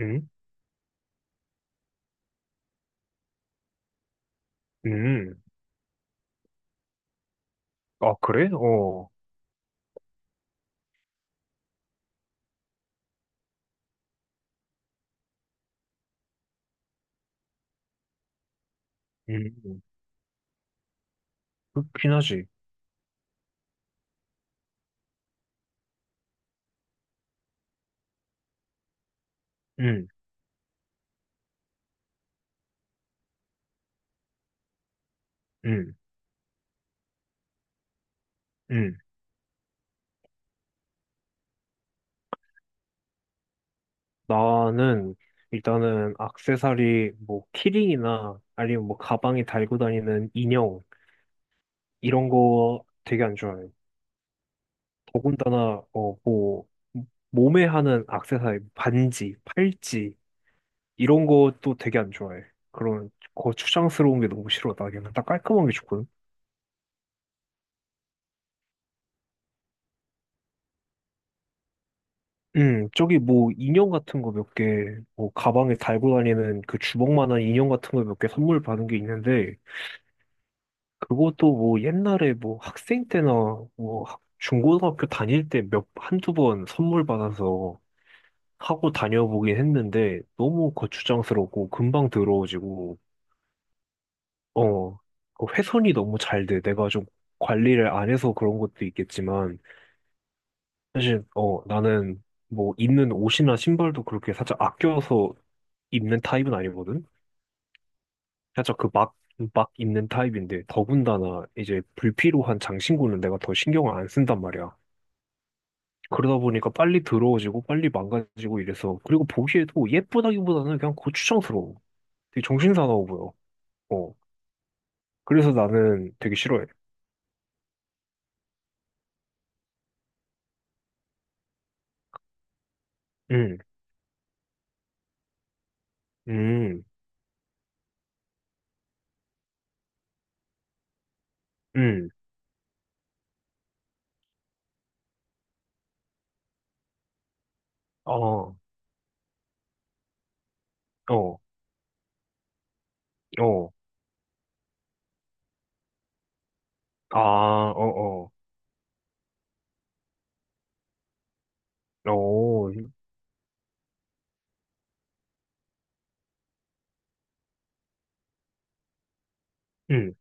음, 음. 아, 그래? 어, 음, 그렇긴 하지. 음, 음, 음. 나는 일단은 악세사리, 뭐, 키링이나 아니면 뭐, 가방에 달고 다니는 인형, 이런 거 되게 안 좋아해. 더군다나, 뭐, 몸에 하는 악세사리, 반지, 팔찌, 이런 것도 되게 안 좋아해. 그런, 거 추상스러운 게 너무 싫어. 나 그냥 딱 깔끔한 게 좋거든. 저기 뭐 인형 같은 거 몇 개, 뭐 가방에 달고 다니는 그 주먹만한 인형 같은 거 몇 개 선물 받은 게 있는데, 그것도 뭐 옛날에 뭐 학생 때나 뭐 중고등학교 다닐 때 한두 번 선물 받아서 하고 다녀보긴 했는데, 너무 거추장스럽고 금방 더러워지고, 어, 그 훼손이 너무 잘 돼. 내가 좀 관리를 안 해서 그런 것도 있겠지만, 사실, 나는 뭐 입는 옷이나 신발도 그렇게 살짝 아껴서 입는 타입은 아니거든? 살짝 그 막, 막 입는 타입인데, 더군다나 이제 불필요한 장신구는 내가 더 신경을 안 쓴단 말이야. 그러다 보니까 빨리 더러워지고, 빨리 망가지고 이래서, 그리고 보기에도 예쁘다기보다는 그냥 고추장스러워. 되게 정신사나워 보여. 어. 그래서 나는 되게 싫어해. 응, 응, 응, 어, 어, 어, 아, 어, 어, 어, 응,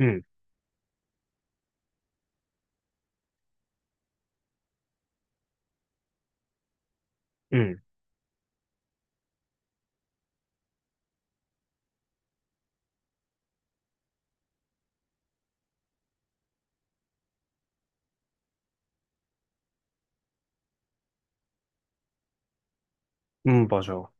응, 응, 응, 맞아.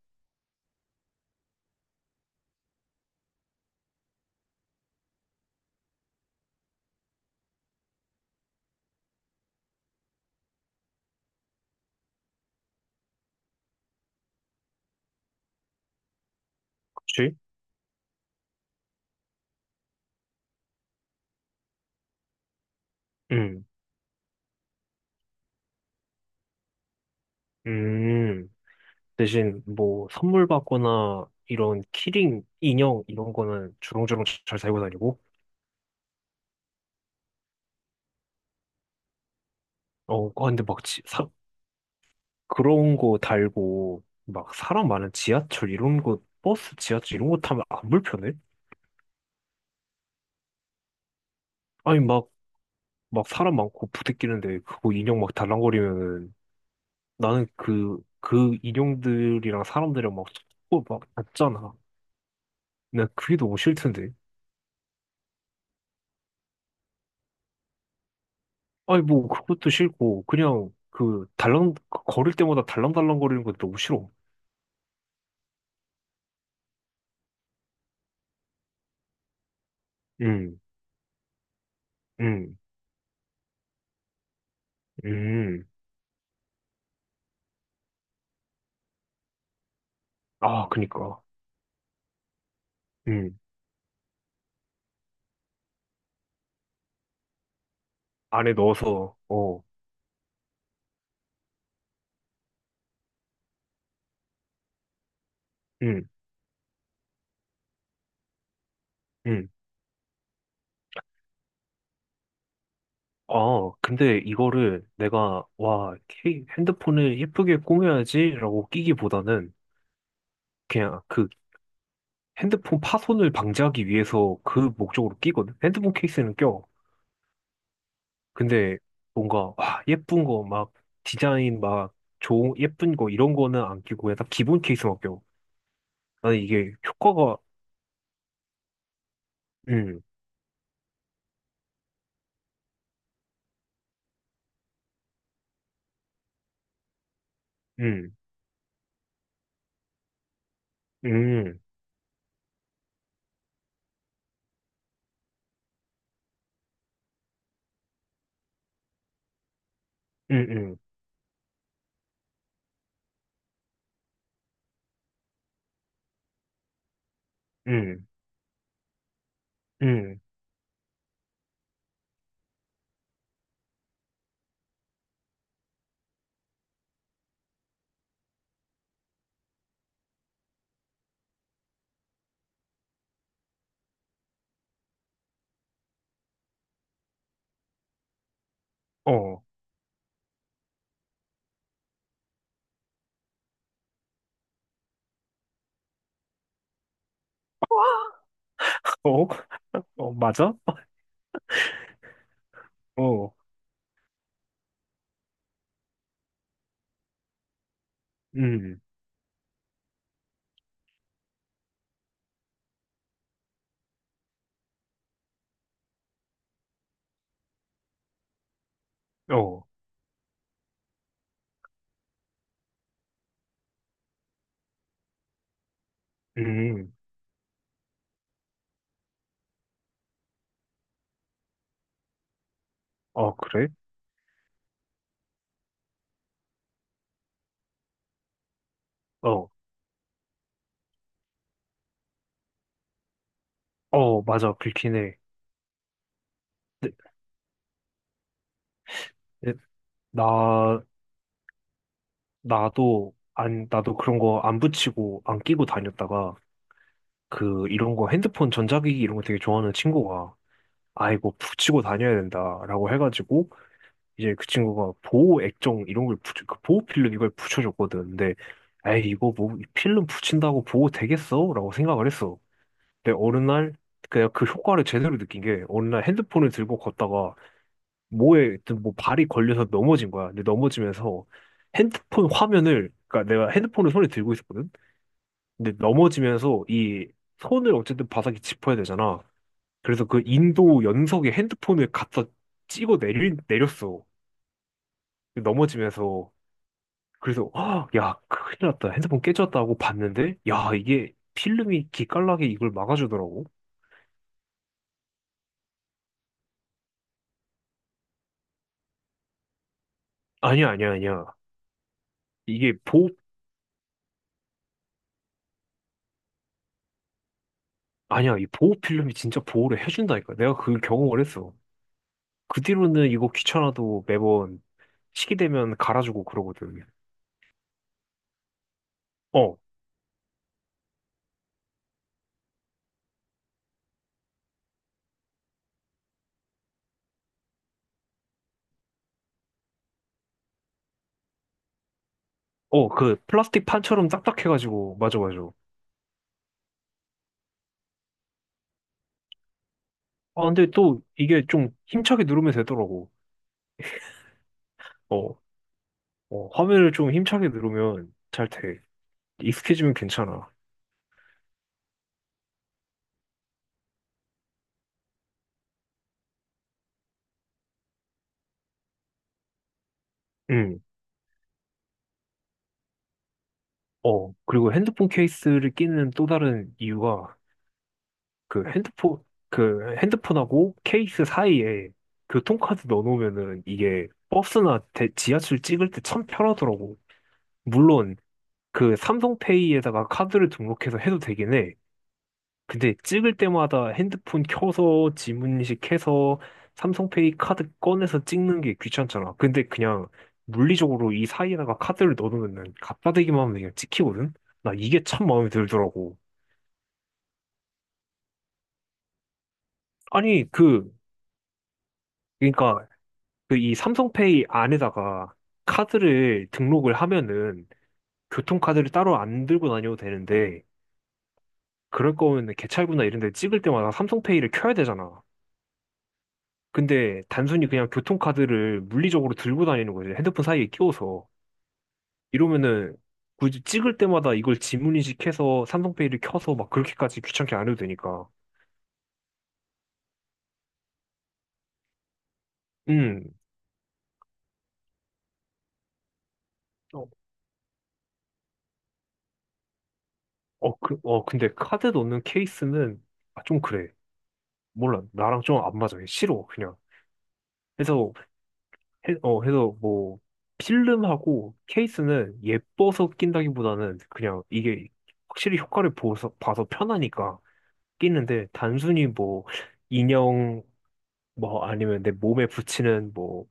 그치? 응, 음. 대신 뭐 선물 받거나 이런 키링, 인형 이런 거는 주렁주렁 잘 살고 다니고. 어, 아, 근데 막 그런 거 달고 막 사람 많은 지하철 이런 거 버스 지하철 이런 거 타면 안 불편해? 아니 막 막 사람 많고 부대끼는데 그거 인형 막 달랑거리면은 나는 그 인형들이랑 사람들이랑 막 자꾸 막 닿잖아. 난 그게 너무 싫던데. 아니 뭐 그것도 싫고 그냥 그 달랑 그 걸을 때마다 달랑달랑거리는 것도 너무 싫어. 음, 음, 음. 아, 그니까. 음. 안에 넣어서, 어, 음, 음. 아, 근데 이거를 내가, 와, 핸드폰을 예쁘게 꾸며야지라고 끼기보다는 그냥 그 핸드폰 파손을 방지하기 위해서 그 목적으로 끼거든? 핸드폰 케이스는 껴. 근데 뭔가, 와, 예쁜 거, 막, 디자인, 막, 좋은, 예쁜 거, 이런 거는 안 끼고 그냥 딱 기본 케이스만 껴. 나는 이게 효과가, 음, 음, 음, 음, 음. 음. 음, 어, 어, 어, 맞아? 어, 음, 어, 음, 어, 그래? 어, 어, 맞아, 그렇긴 해. 네, 네, 나, 나도, 안, 나도 그런 거 안 붙이고, 안 끼고 다녔다가, 그, 이런 거 핸드폰 전자기기 이런 거 되게 좋아하는 친구가, 아, 이거 붙이고 다녀야 된다라고 해가지고, 이제 그 친구가 보호 액정 이런 걸 붙여, 그 보호 필름 이걸 붙여줬거든. 근데, 에이, 이거 뭐, 필름 붙인다고 보호 되겠어? 라고 생각을 했어. 근데 어느 날 그냥 그 효과를 제대로 느낀 게 어느 날 핸드폰을 들고 걷다가 뭐에 하여튼 뭐 발이 걸려서 넘어진 거야. 근데 넘어지면서 핸드폰 화면을, 그러니까 내가 핸드폰을 손에 들고 있었거든. 근데 넘어지면서 이 손을 어쨌든 바닥에 짚어야 되잖아. 그래서 그 인도 연석에 핸드폰을 갖다 찍어 내렸어. 넘어지면서. 그래서 아, 야 큰일 났다. 핸드폰 깨졌다고 봤는데 야 이게 필름이 기깔나게 이걸 막아주더라고. 아니야 아니야 아니야. 이게 보호 아니야, 이 보호 필름이 진짜 보호를 해준다니까. 내가 그 경험을 했어. 그 뒤로는 이거 귀찮아도 매번 시기 되면 갈아주고 그러거든. 어, 어, 그 플라스틱 판처럼 딱딱해가지고. 맞아, 맞아. 아, 근데 또 이게 좀 힘차게 누르면 되더라고. 어, 어, 화면을 좀 힘차게 누르면 잘 돼. 익숙해지면 괜찮아. 응, 어. 그리고 핸드폰 케이스를 끼는 또 다른 이유가, 그 핸드폰 그 핸드폰하고 케이스 사이에 교통카드 넣어놓으면은 이게 버스나 지하철 찍을 때 참 편하더라고. 물론 그 삼성페이에다가 카드를 등록해서 해도 되긴 해. 근데 찍을 때마다 핸드폰 켜서 지문인식해서 삼성페이 카드 꺼내서 찍는 게 귀찮잖아. 근데 그냥 물리적으로 이 사이에다가 카드를 넣어놓으면 갖다 대기만 하면 그냥 찍히거든. 나 이게 참 마음에 들더라고. 아니 그 그러니까 그 이 삼성페이 안에다가 카드를 등록을 하면은 교통카드를 따로 안 들고 다녀도 되는데, 그럴 거면 개찰구나 이런 데 찍을 때마다 삼성페이를 켜야 되잖아. 근데 단순히 그냥 교통카드를 물리적으로 들고 다니는 거지. 핸드폰 사이에 끼워서. 이러면은 굳이 찍을 때마다 이걸 지문인식해서 삼성페이를 켜서 막 그렇게까지 귀찮게 안 해도 되니까. 음. 어, 어, 근데 카드 넣는 케이스는 아, 좀 그래. 몰라. 나랑 좀 안 맞아. 싫어. 그냥. 그래서 해서 뭐 필름하고 케이스는 예뻐서 낀다기보다는 그냥 이게 확실히 효과를 봐서 편하니까 끼는데, 단순히 뭐 인형 뭐 아니면 내 몸에 붙이는 뭐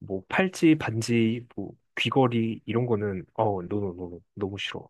뭐 팔찌 반지 뭐 귀걸이 이런 거는 어 노노노 너무 싫어.